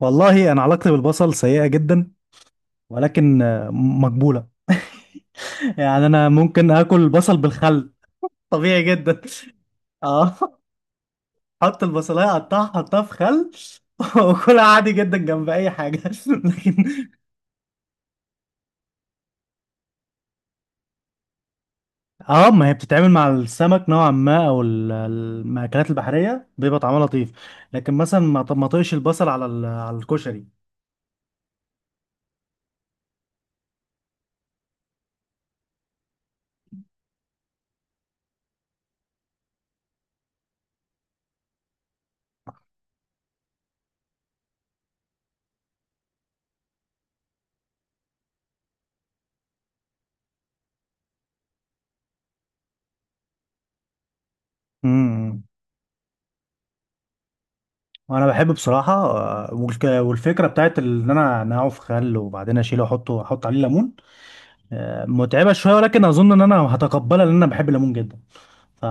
والله انا علاقتي بالبصل سيئة جدا، ولكن مقبولة. يعني انا ممكن اكل بصل بالخل طبيعي جدا. اه حط البصلايه، قطعها، حطها في خل. وكلها عادي جدا جنب اي حاجه. لكن اه ما هي بتتعمل مع السمك نوعا ما او المأكولات البحريه بيبقى طعمها لطيف. لكن مثلا ما طقش البصل على الكشري. امم وانا بحب بصراحه، والفكره بتاعت ان انا انقعه في خل وبعدين اشيله احط عليه ليمون. متعبة شوية ولكن أظن إن أنا هتقبلها، لأن أنا بحب الليمون جدا. ف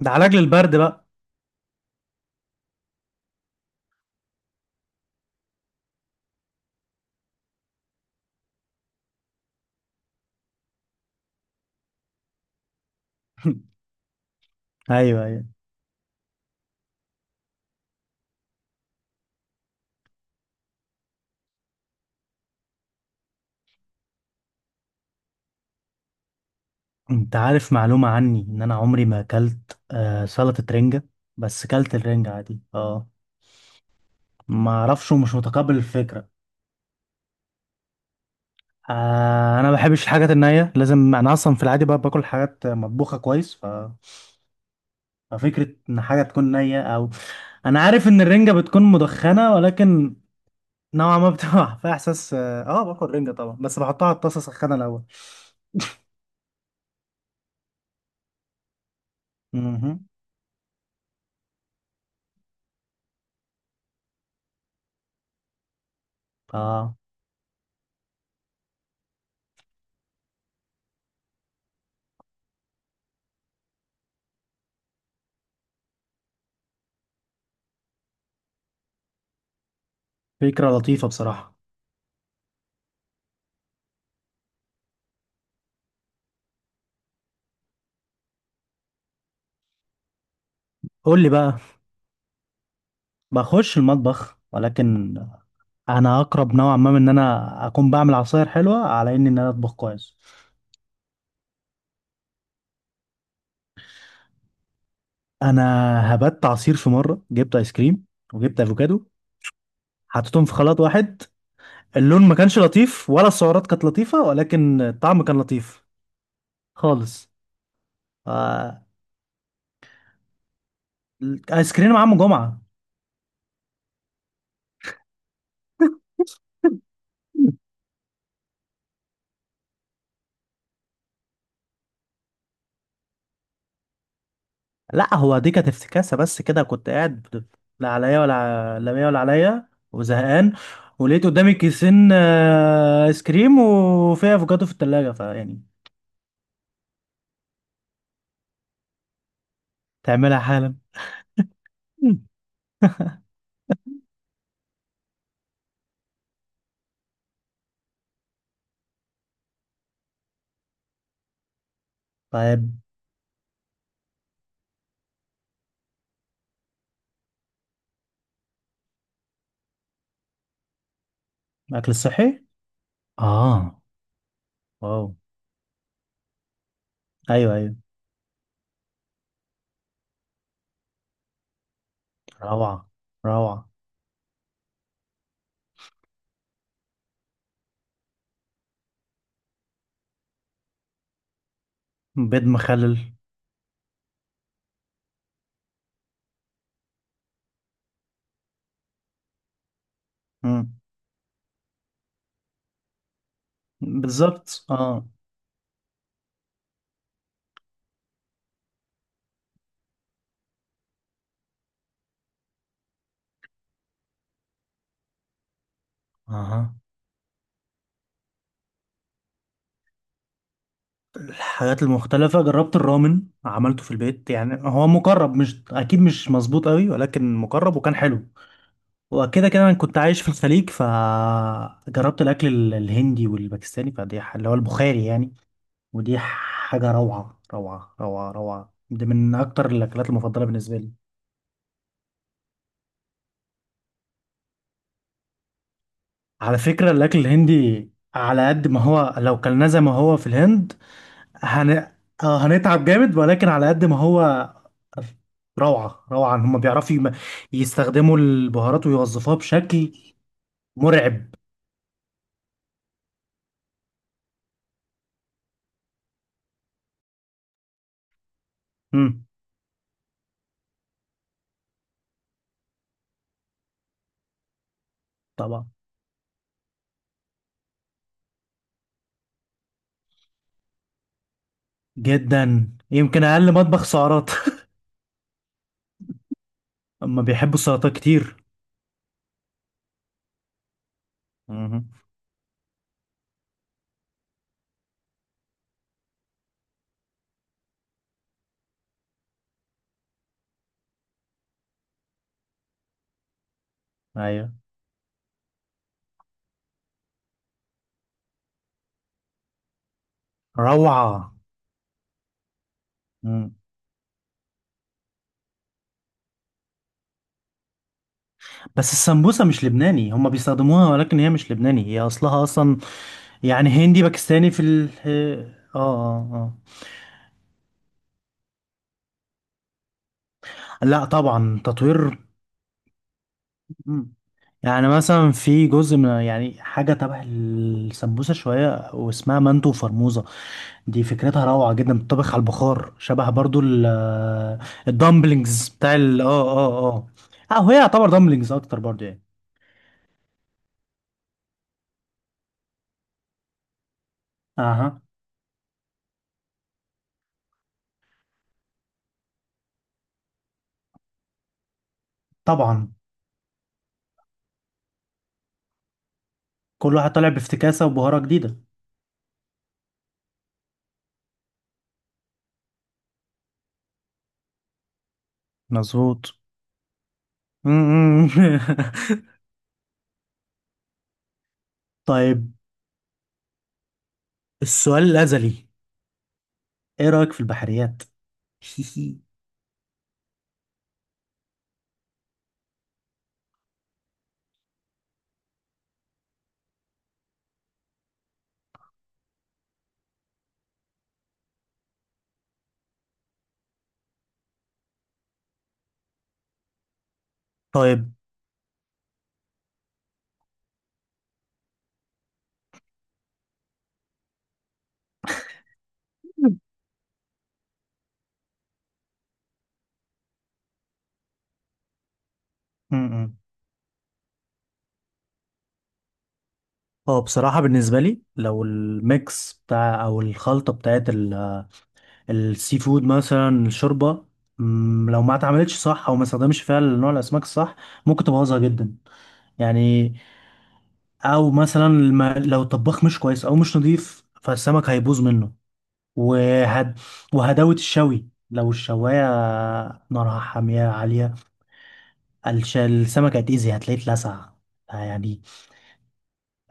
ده علاج للبرد بقى. أيوه، أيوه. أنت عارف معلومة عني؟ إن أنا عمري ما أكلت سلطة رنجة، بس أكلت الرنجة عادي. أه. ما أعرفش، ومش متقبل الفكرة. أنا ما بحبش الحاجات النية. لازم أنا أصلا في العادي بقى باكل حاجات مطبوخة كويس، ففكرة إن حاجة تكون نية أو... أنا عارف إن الرنجة بتكون مدخنة، ولكن نوعا ما بتبقى فيها احساس. باكل رنجة طبعا، بس بحطها على الطاسة اسخنها الاول. امم اه فكرة لطيفة بصراحة. قول لي بقى. بخش المطبخ، ولكن انا اقرب نوعا ما من ان انا اكون بعمل عصاير حلوة على اني ان انا اطبخ كويس. انا هبت عصير في مرة، جبت ايس كريم وجبت افوكادو، حطيتهم في خلاط واحد. اللون ما كانش لطيف، ولا السعرات كانت لطيفة، ولكن الطعم كان لطيف. خالص. آه، ايس كريم عم جمعة. لا، هو دي كانت افتكاسة بس كده. كنت قاعد لا ميا ولا عليا، وزهقان. ولقيت قدامي كيسين، ايس كريم، وفيها افوكادو في التلاجة، فيعني. تعملها حالا؟ مم. طيب. اكل صحي. اه. واو. ايوه، ايوه. روعة، روعة. بيض مخلل. مم. بالظبط، اه. اها. الحاجات المختلفة: جربت الرامن، عملته في البيت. يعني هو مقرب، مش اكيد مش مظبوط قوي، ولكن مقرب وكان حلو. وكده كده انا كنت عايش في الخليج، فجربت الاكل الهندي والباكستاني. فدي اللي هو البخاري يعني. ودي حاجه روعه روعه روعه روعه. دي من اكتر الاكلات المفضله بالنسبه لي. على فكره، الاكل الهندي على قد ما هو، لو كلناه زي ما هو في الهند هن... آه هنتعب جامد. ولكن على قد ما هو روعه روعه. هم بيعرفوا يستخدموا البهارات ويوظفوها بشكل مرعب. مم. طبعا. جدا، يمكن اقل مطبخ سعرات. أما بيحبوا السلطات كتير. مهم. ايوه. روعة. مم. بس السمبوسة مش لبناني. هما بيستخدموها، ولكن هي مش لبناني. هي أصلها أصلا يعني هندي باكستاني في ال اه اه اه لا، طبعا، تطوير. مم. يعني مثلا في جزء من، يعني، حاجة تبع السمبوسة شوية، واسمها منتو وفرموزة. دي فكرتها روعة جدا. بتطبخ على البخار، شبه برضو الدمبلينجز بتاع ال اه اه اه اه هي يعتبر دمبلينجز أكتر برضو يعني. اها. طبعا، كل واحد طالع بافتكاسة وبهارة جديدة. مظبوط. م- م. طيب. السؤال الأزلي: ايه رأيك في البحريات؟ طيب. م- م. هو بصراحة بالنسبة لي، لو الميكس بتاع أو الخلطة بتاعت السي فود، مثلا الشوربة، لو ما اتعملتش صح أو ما استخدمش فيها نوع الأسماك الصح، ممكن تبوظها جدا. يعني، أو مثلا لو الطباخ مش كويس أو مش نظيف، فالسمك هيبوظ منه. وهد... وهداوة الشوي، لو الشواية نارها حامية عالية، السمكة هتأذي، هتلاقيه اتلسع. يعني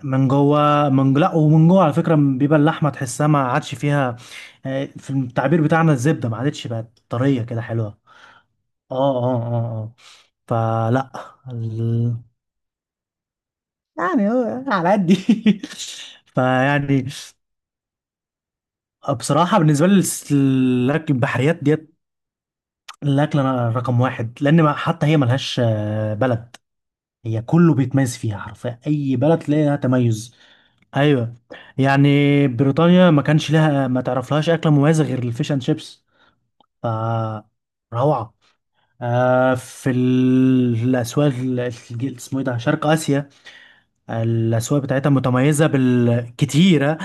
من جوه، من، لا، ومن جوه على فكرة بيبقى اللحمة تحسها ما عادش فيها، في التعبير بتاعنا، الزبدة، ما عادتش بقت طرية كده حلوة. اه اه اه اه فلا. ال... يعني هو على قد. فيعني بصراحة بالنسبة لي الأكل البحريات ديت الأكل أنا رقم واحد، لأن حتى هي ملهاش بلد. هي كله بيتميز فيها حرفيا. أي بلد تلاقيها تميز. أيوه. يعني بريطانيا ما كانش لها ما تعرفلهاش أكلة مميزة غير الفيش أند شيبس. ف روعة. في الأسواق اسمه إيه ده، شرق آسيا، الأسواق بتاعتها متميزة بالكتيرة.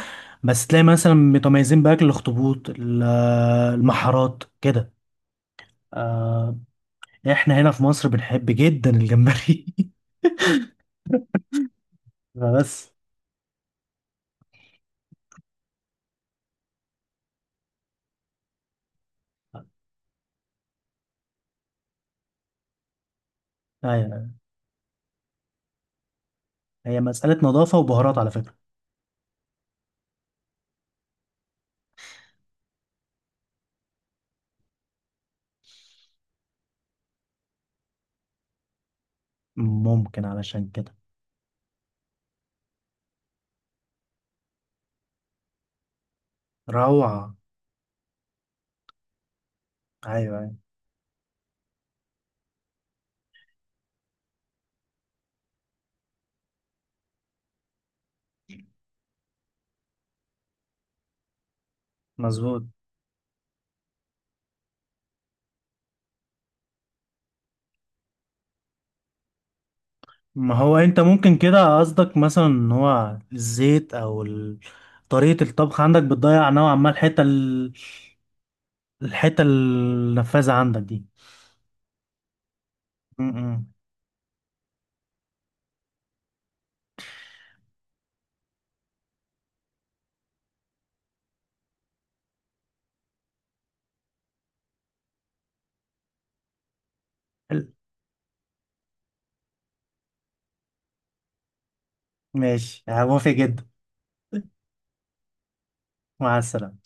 بس تلاقي مثلا متميزين بأكل الأخطبوط، المحارات كده. آه، احنا هنا في مصر بنحب جدا الجمبري. فبس. ايوه، هي مسألة نظافة وبهارات على فكرة. ممكن علشان كده. روعة. ايوه، ايوه. مظبوط. ما هو انت ممكن كده قصدك مثلا ان هو الزيت او طريقة الطبخ عندك بتضيع نوعا ما الحتة الحتة النفاذة عندك دي. م -م. ماشي، هوافق جدا. مع السلامة.